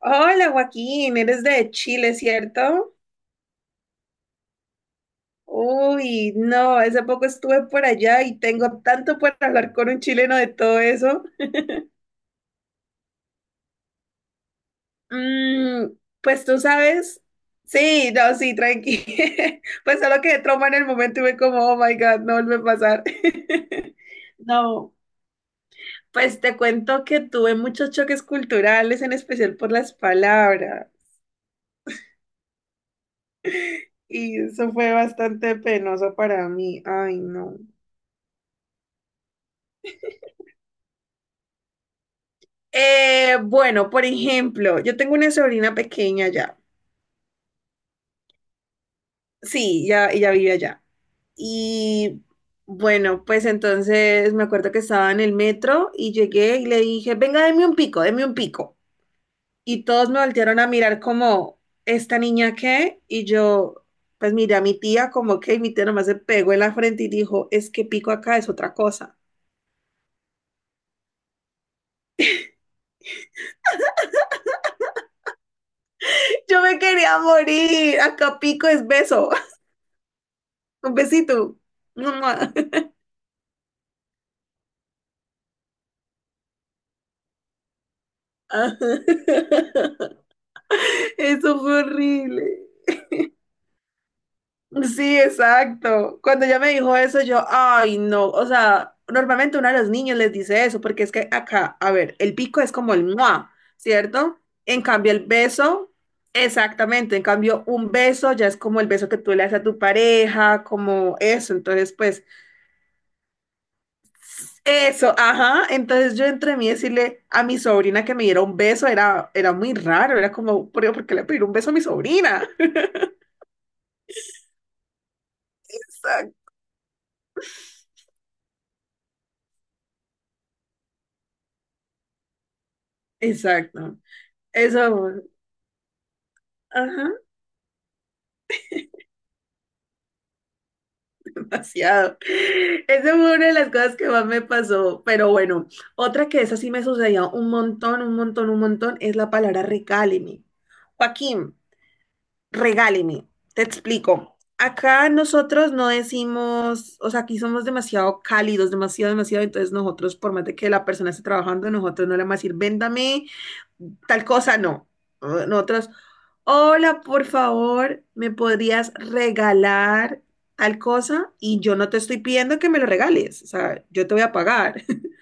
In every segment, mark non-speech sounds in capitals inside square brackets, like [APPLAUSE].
Hola Joaquín, eres de Chile, ¿cierto? Uy, no, hace poco estuve por allá y tengo tanto por hablar con un chileno de todo eso. Mm, pues tú sabes, sí, no, sí, tranqui. [LAUGHS] Pues solo quedé trauma en el momento y me como, oh my God, no vuelve a pasar. [LAUGHS] No, pues te cuento que tuve muchos choques culturales, en especial por las palabras, y eso fue bastante penoso para mí. Ay, no. Bueno, por ejemplo, yo tengo una sobrina pequeña ya. Sí, ya, ella vive allá. Y bueno, pues entonces me acuerdo que estaba en el metro y llegué y le dije, venga, deme un pico, deme un pico. Y todos me voltearon a mirar como, ¿esta niña qué? Y yo, pues miré a mi tía como que y mi tía nomás se pegó en la frente y dijo, es que pico acá es otra cosa. [LAUGHS] Yo me quería morir, acá pico es beso, [LAUGHS] un besito. [LAUGHS] Ah, [LAUGHS] eso fue horrible. Sí, exacto. Cuando ella me dijo eso, yo, ay, no. O sea, normalmente uno de los niños les dice eso, porque es que acá, a ver, el pico es como el mua, ¿cierto? En cambio, el beso, exactamente. En cambio, un beso ya es como el beso que tú le haces a tu pareja, como eso. Entonces, pues, eso, ajá. Entonces, yo entre mí decirle a mi sobrina que me diera un beso era muy raro. Era como, ¿por qué le pedir un beso a mi sobrina? [LAUGHS] Exacto. Eso, ajá, [LAUGHS] demasiado. Esa fue una de las cosas que más me pasó. Pero bueno, otra que esa sí me sucedió un montón, un montón, un montón, es la palabra regáleme. Joaquín, regáleme. Te explico. Acá nosotros no decimos, o sea, aquí somos demasiado cálidos, demasiado, demasiado. Entonces nosotros, por más de que la persona esté trabajando, nosotros no le vamos a decir, véndame tal cosa, no. Nosotros, hola, por favor, ¿me podrías regalar tal cosa? Y yo no te estoy pidiendo que me lo regales, o sea, yo te voy a pagar. [LAUGHS]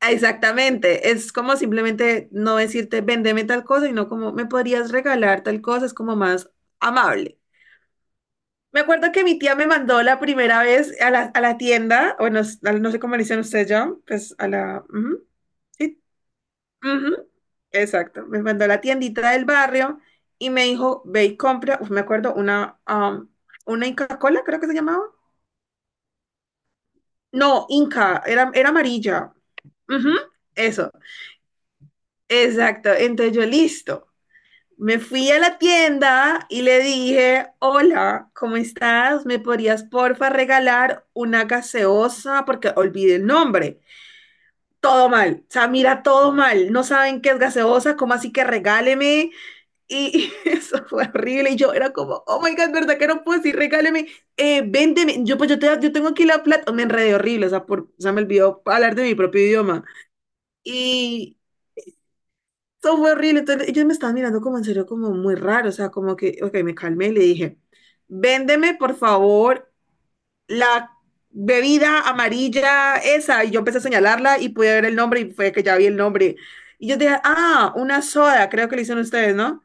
Exactamente, es como simplemente no decirte, vendeme tal cosa, y no como, ¿me podrías regalar tal cosa? Es como más amable. Me acuerdo que mi tía me mandó la primera vez a la tienda, bueno, no sé cómo le dicen ustedes ya, pues a la... ujú, sí, ujú, exacto, me mandó a la tiendita del barrio y me dijo, ve y compra, uf, me acuerdo, una Inca Cola, creo que se llamaba. No, Inca, era amarilla. Ujú, eso, exacto. Entonces yo, listo. Me fui a la tienda y le dije, hola, ¿cómo estás? ¿Me podrías porfa regalar una gaseosa? Porque olvidé el nombre. Todo mal, o sea, mira, todo mal. No saben qué es gaseosa, ¿cómo así que regáleme? Y [LAUGHS] eso fue horrible. Y yo era como, oh my God, ¿verdad que no puedo decir? Regáleme, véndeme. Yo, pues yo, te, yo tengo aquí la plata. Me enredé horrible, o sea, o sea, me olvidó hablar de mi propio idioma. Y eso fue horrible. Entonces ellos me estaban mirando como en serio, como muy raro. O sea, como que, ok, me calmé y le dije, véndeme, por favor, la bebida amarilla esa. Y yo empecé a señalarla y pude ver el nombre y fue que ya vi el nombre. Y yo dije, ah, una soda, creo que le hicieron ustedes, ¿no?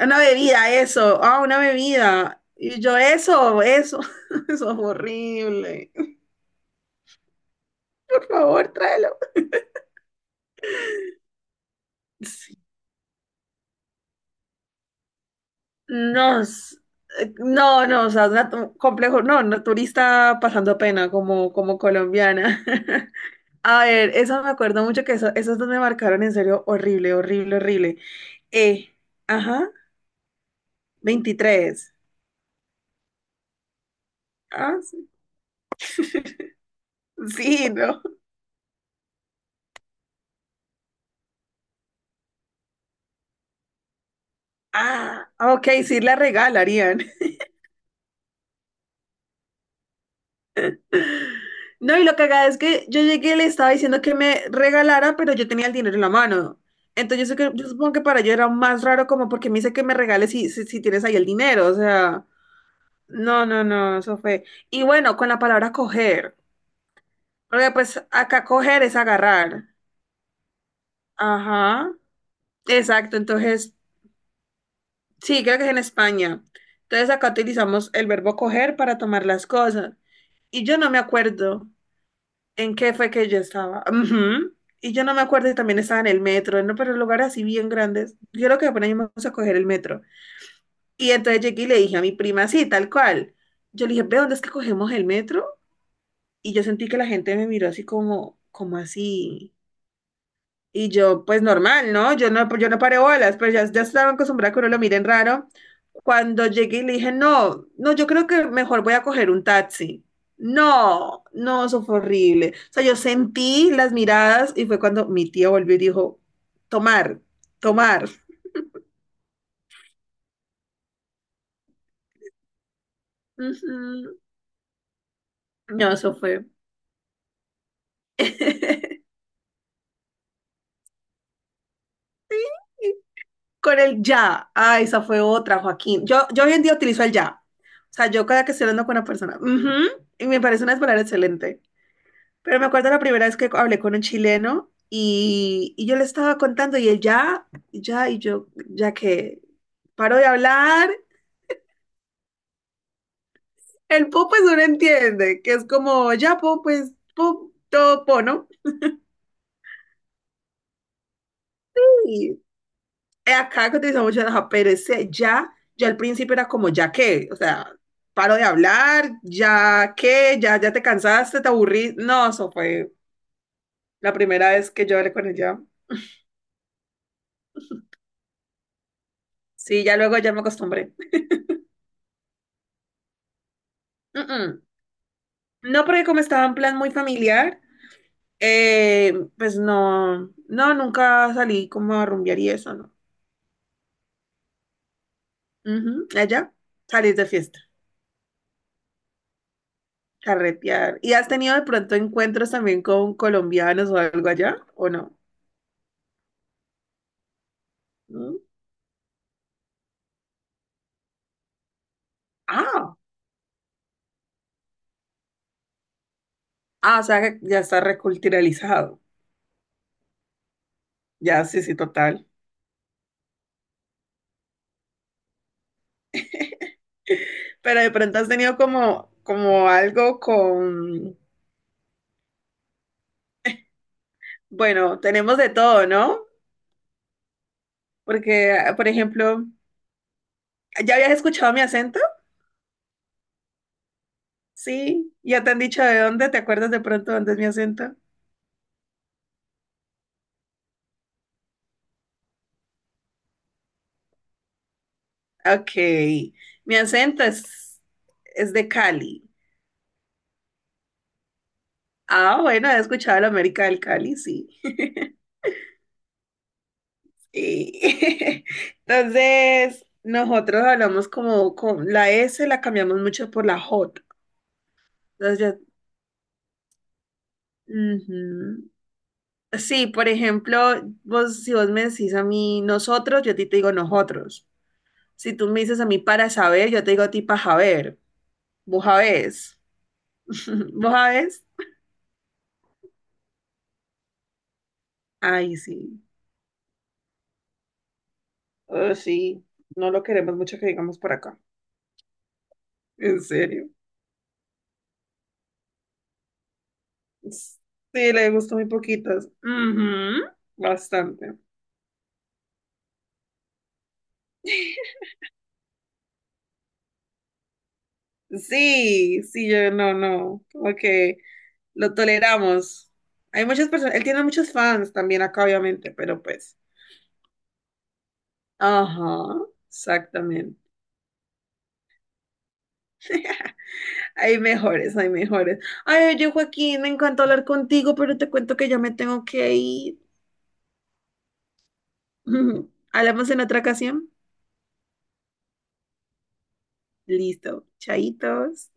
Una bebida, eso. Ah, una bebida. Y yo, eso, eso. [LAUGHS] Eso es horrible. Por favor, tráelo. Sí. No, no, no, o sea, complejo, no, naturista pasando pena como, colombiana. [LAUGHS] A ver, eso me acuerdo mucho que eso, esos dos me marcaron en serio horrible, horrible, horrible. Eh, ajá, 23. Ah, sí, sí, no. Ah, ok, sí la regalarían. [LAUGHS] No, y lo cagada es que yo llegué y le estaba diciendo que me regalara, pero yo tenía el dinero en la mano. Entonces yo, sé que- yo supongo que para yo era más raro como porque me dice que me regales si tienes ahí el dinero. O sea, no, no, no, eso fue. Y bueno, con la palabra coger. Porque pues acá coger es agarrar. Ajá. Exacto. Entonces, sí, creo que es en España. Entonces acá utilizamos el verbo coger para tomar las cosas. Y yo no me acuerdo. ¿En qué fue que yo estaba? Ujú. Y yo no me acuerdo y también estaba en el metro, ¿no? Pero lugares así bien grandes. Yo lo que apenas íbamos a coger el metro. Y entonces llegué y le dije a mi prima, sí, tal cual. Yo le dije, ¿ve dónde es que cogemos el metro? Y yo sentí que la gente me miró así como, como así. Y yo, pues normal, ¿no? Yo no paré bolas, pero ya, ya estaba acostumbrada a que uno lo miren raro. Cuando llegué y le dije, no, no, yo creo que mejor voy a coger un taxi. No, no, eso fue horrible. O sea, yo sentí las miradas y fue cuando mi tía volvió y dijo, tomar, tomar. Ujú. No, eso fue. [LAUGHS] Con el ya. Ah, esa fue otra, Joaquín. Yo hoy en día utilizo el ya. O sea, yo cada que estoy hablando con una persona, ujú, y me parece una palabra excelente. Pero me acuerdo la primera vez que hablé con un chileno y yo le estaba contando y él ya, ya, y yo, ya que paro de hablar, el po pues uno entiende, que es como, ya po, pues, po, todo po, ¿no? Y acá que utilizamos mucho la pero ese ya, ya al principio era como, ya que, o sea, paro de hablar, ya que, ya, ya te cansaste, te aburrí. No, eso fue la primera vez que yo hablé con él ya. Sí, ya luego ya me acostumbré. Mm, mm. No, porque como estaba en plan muy familiar, pues no, no, nunca salí como a rumbear y eso, ¿no? Ujú, allá, salís de fiesta, carretear. ¿Y has tenido de pronto encuentros también con colombianos o algo allá, o no? ¿Mm? Ah, ah, o sea, que ya está reculturalizado. Ya, sí, sí, total. Pero de pronto has tenido como, como algo con, bueno, tenemos de todo, ¿no? Porque, por ejemplo, ¿ya habías escuchado mi acento? Sí, ya te han dicho de dónde, ¿te acuerdas de pronto dónde es mi acento? Ok, mi acento es de Cali. Ah, bueno, he escuchado la América del Cali, sí. [LAUGHS] Sí. [LAUGHS] Entonces, nosotros hablamos como con la S, la cambiamos mucho por la J. Entonces, ya- ujú. Sí, por ejemplo, vos, si vos me decís a mí nosotros, yo a ti te digo nosotros. Si tú me dices a mí para saber, yo te digo a ti para saber. Vos sabés. [LAUGHS] ¿Vos sabés? Ay, sí. Oh, sí, no lo queremos mucho que digamos por acá. En serio. Sí, le gustó muy poquitas. Ujú. Bastante. Sí, sí, yo no, no. Como que lo toleramos. Hay muchas personas, él tiene muchos fans también acá, obviamente, pero pues. Ajá, exactamente. Hay mejores, hay mejores. Ay, oye, Joaquín, me encanta hablar contigo, pero te cuento que ya me tengo que ir. [LAUGHS] Hablamos en otra ocasión. Listo. Chaitos.